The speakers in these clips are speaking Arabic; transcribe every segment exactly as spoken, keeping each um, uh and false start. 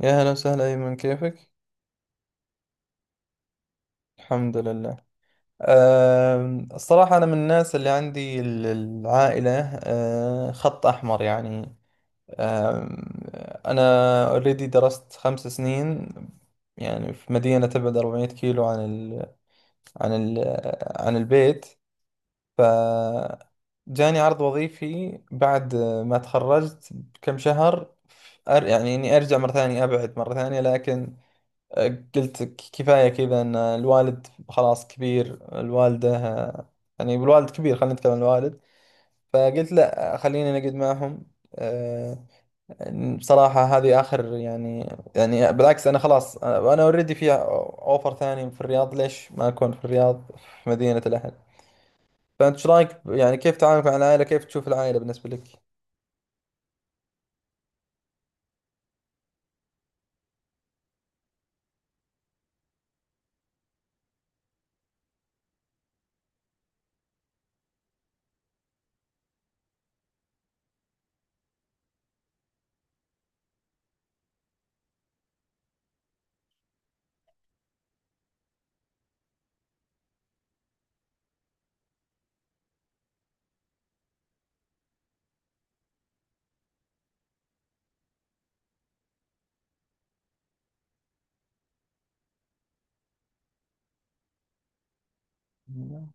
يا هلا وسهلا أيمن، كيفك؟ الحمد لله. أم، الصراحة أنا من الناس اللي عندي ال- العائلة أه، خط أحمر، يعني. أم، أنا اوريدي درست خمس سنين، يعني في مدينة تبعد 400 كيلو عن ال عن ال عن البيت. ف جاني عرض وظيفي بعد ما تخرجت بكم شهر. ف- أر- يعني إني أرجع مرة ثانية، أبعد مرة ثانية، لكن قلت ك- كفاية كذا، ان الوالد خلاص كبير، الوالدة، يعني الوالد كبير، خلينا نتكلم عن الوالد. فقلت لا، خليني نقعد معهم. آه، بصراحة هذه آخر، يعني. يعني بالعكس، أنا خلاص، أنا اوريدي في أوفر ثاني في الرياض. ليش ما أكون في الرياض، في مدينة الأهل؟ فأنت إيش رأيك؟ يعني كيف تعاملك مع العائلة؟ كيف تشوف العائلة بالنسبة لك؟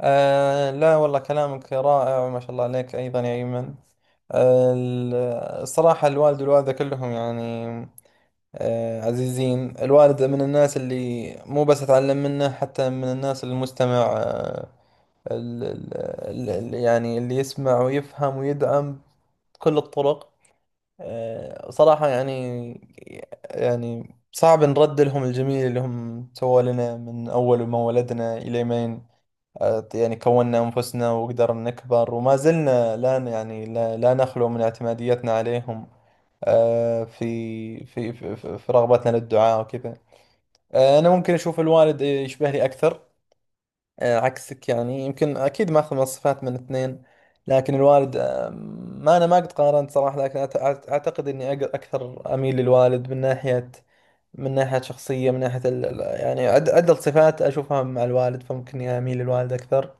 آه لا والله، كلامك رائع، ما شاء الله عليك أيضا يا أيمن. آه ال- الصراحة الوالد والوالدة كلهم، يعني آه عزيزين. الوالد من الناس اللي مو بس أتعلم منه، حتى من الناس المستمع. آه ال ال ال ال- يعني اللي يسمع ويفهم ويدعم بكل الطرق. آه صراحة، يعني يعني صعب نرد لهم الجميل اللي هم سووا لنا من أول ما ولدنا إلى ما، آه، يعني كوننا أنفسنا وقدرنا نكبر، وما زلنا لا ن- يعني لا, لا نخلو من اعتماديتنا عليهم. آه، في في في, في في رغبتنا للدعاء وكذا. آه، أنا ممكن أشوف الوالد يشبهني أكثر، آه، عكسك. يعني يمكن، أكيد ما أخذ مواصفات من اثنين، لكن الوالد آه، ما، أنا ما قد قارنت صراحة، لكن أت- أت- أعتقد إني أق- أكثر أميل للوالد، من ناحية، من ناحية شخصية، من ناحية ال- ال- يعني عد- عدة صفات أشوفها مع الوالد. فممكن إني أميل للوالد أكثر.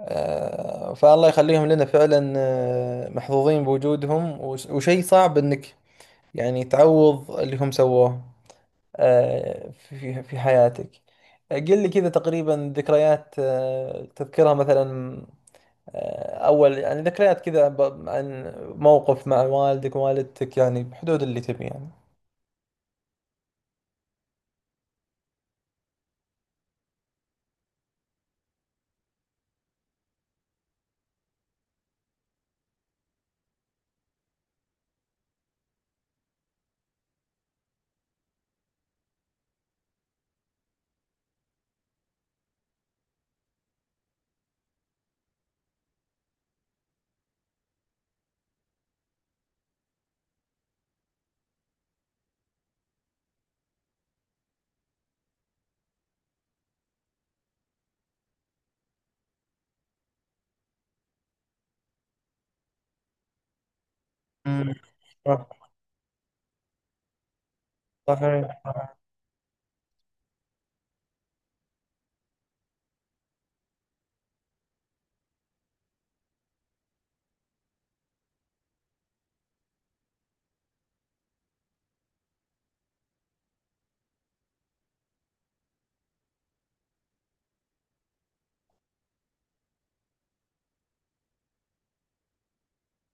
آه، فالله يخليهم لنا فعلا، آه، محظوظين بوجودهم. وش- وشيء صعب انك يعني تعوض اللي هم سووه آه، في في حياتك. آه، قل لي كذا تقريبا ذكريات، آه، تذكرها مثلا، آه، اول، يعني ذكريات كذا ب- عن موقف مع والدك، والدتك، يعني بحدود اللي تبي، يعني. مم. صح- صحيح.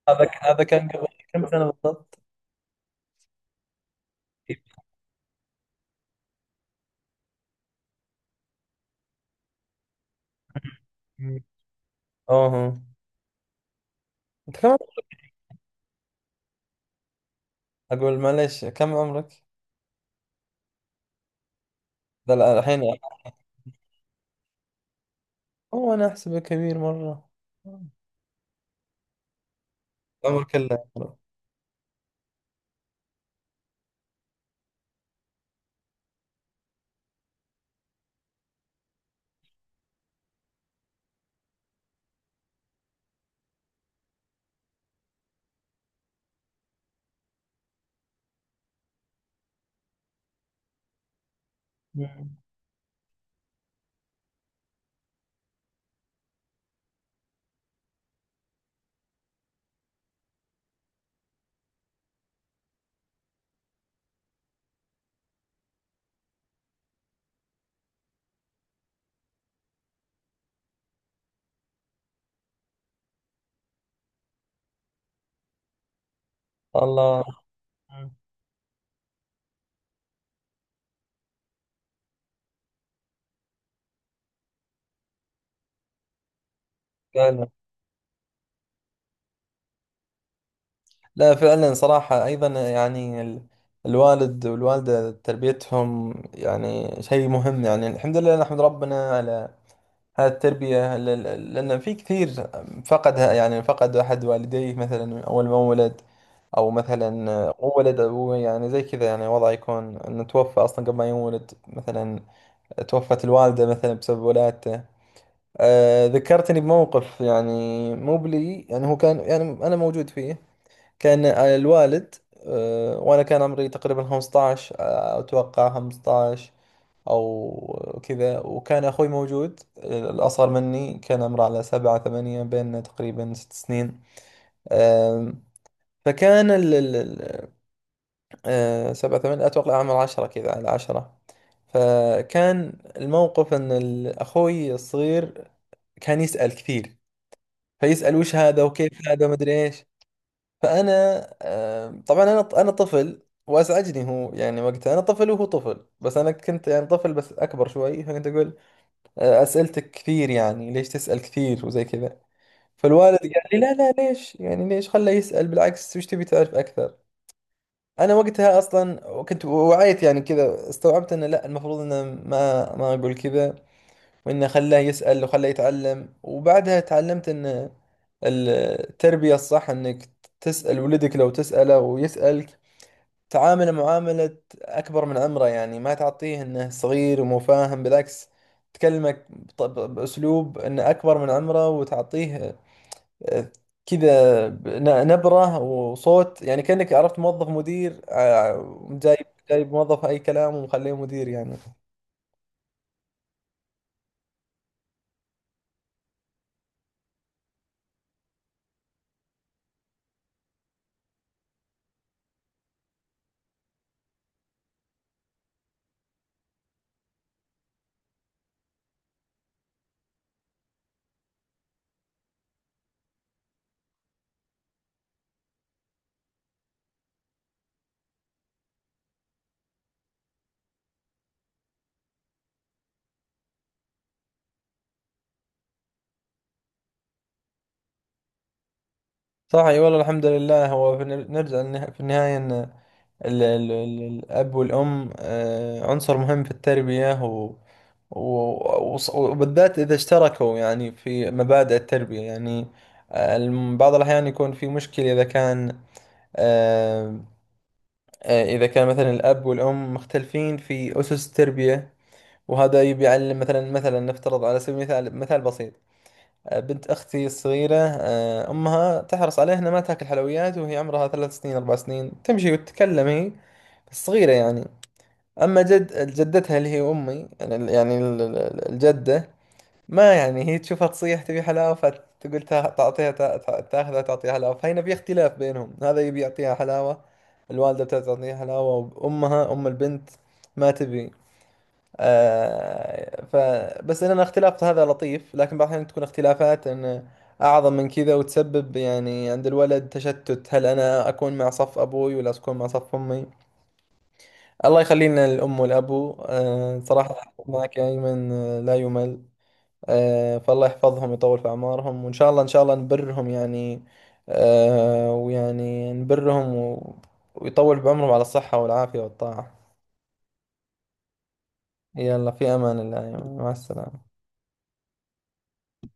هذا ك- هذا كان قبل كم سنة بالضبط؟ مم. اه ها. انت كم عمرك؟ اقول، معلش، كم عمرك؟ لا لا، الحين. اوه، انا احسبه كبير مرة. عمر كله عمره. مم. الله. مم. فعلا. لا فعلا، صراحة ايضا، يعني ال- الوالد والوالدة تربيتهم يعني شيء مهم، يعني الحمد لله نحمد ربنا على التربية، ل- ل- لأن في كثير فقدها، يعني فقد أحد والديه مثلا أول ما ولد، أو مثلا هو ولد أبوه، يعني زي كذا، يعني وضع يكون إنه توفى أصلا قبل ما يولد، مثلا توفت الوالدة مثلا بسبب ولادته. آه ذكرتني بموقف، يعني مو بلي، يعني هو كان، يعني أنا موجود فيه. كان الوالد، آه وأنا كان عمري تقريبا خمستاشر، آه، أتوقع خمستاشر أو كذا، وكان أخوي موجود الأصغر مني، كان عمره على سبعة ثمانية، بيننا تقريبا ست سنين. أم، فكان ال ال- ال- أه، سبعة ثمانية، أتوقع عمره عشرة، كذا على عشرة. فكان الموقف أن ال- أخوي الصغير كان يسأل كثير، فيسأل وش هذا، وكيف هذا، ومدري إيش. فأنا، أم، طبعا أنا أنا طفل، وأزعجني، هو يعني وقتها أنا طفل وهو طفل، بس أنا كنت يعني طفل بس أكبر شوي. فكنت أقول آه، أسئلتك كثير، يعني ليش تسأل كثير وزي كذا. فالوالد قال لي لا لا، ليش، يعني ليش، خله يسأل بالعكس، وش تبي تعرف أكثر. أنا وقتها أصلا كنت وعيت يعني كذا، استوعبت أنه لا، المفروض أنه ما ما أقول كذا، وأنه خلاه يسأل وخلاه يتعلم. وبعدها تعلمت أن التربية الصح أنك تسأل ولدك، لو تسأله ويسألك، تعامله معاملة أكبر من عمره، يعني ما تعطيه إنه صغير ومو فاهم. بالعكس، تكلمك بط- ب- بأسلوب إنه أكبر من عمره، وتعطيه آه، كذا ن- نبرة وصوت، يعني كأنك عرفت موظف مدير، آه، جايب جايب موظف أي كلام ومخليه مدير، يعني. صح، أي والله. الحمد لله، هو في الن- نرجع للنها- في النهاية، إنه ال- ال- ال- الأب والأم آه، عنصر مهم في التربية، و... و- وص- وبالذات إذا اشتركوا يعني في مبادئ التربية، يعني آه، الم- بعض الأحيان يكون في مشكلة إذا كان آه، آه، إذا كان مثلا الأب والأم مختلفين في أسس التربية، وهذا يبي يعلم مثلا مثلا نفترض على سبيل المثال، مثال بسيط: آه، بنت أختي الصغيرة، آه، أمها تحرص عليها إنها ما تاكل حلويات، وهي عمرها ثلاث سنين، أربع سنين، تمشي وتتكلم، هي بس صغيرة يعني. اما جد جدتها اللي هي امي، يعني يعني ال- ال- الجده، ما يعني هي تشوفها تصيح تبي حلاوه، فتقول، تا- تعطيها، تا- تا- تاخذها، تعطيها حلاوه. فهنا في اختلاف بينهم، هذا يبي يعطيها حلاوه، الوالده بتبي تعطيها حلاوه، وامها ام البنت ما تبي. آه ف بس ان الاختلاف هذا لطيف، لكن بعض الاحيان تكون اختلافات ان اعظم من كذا، وتسبب يعني عند الولد تشتت، هل انا اكون مع صف ابوي ولا اكون مع صف امي؟ الله يخلينا الأم والأبو. آه، صراحة معك يا أيمن، آه، لا يمل. آه، فالله يحفظهم، يطول في أعمارهم، وإن شاء الله إن شاء الله نبرهم، يعني آه، ويعني نبرهم و- ويطول بعمرهم على الصحة والعافية والطاعة. يلا في أمان الله يا أيمن، مع السلامة.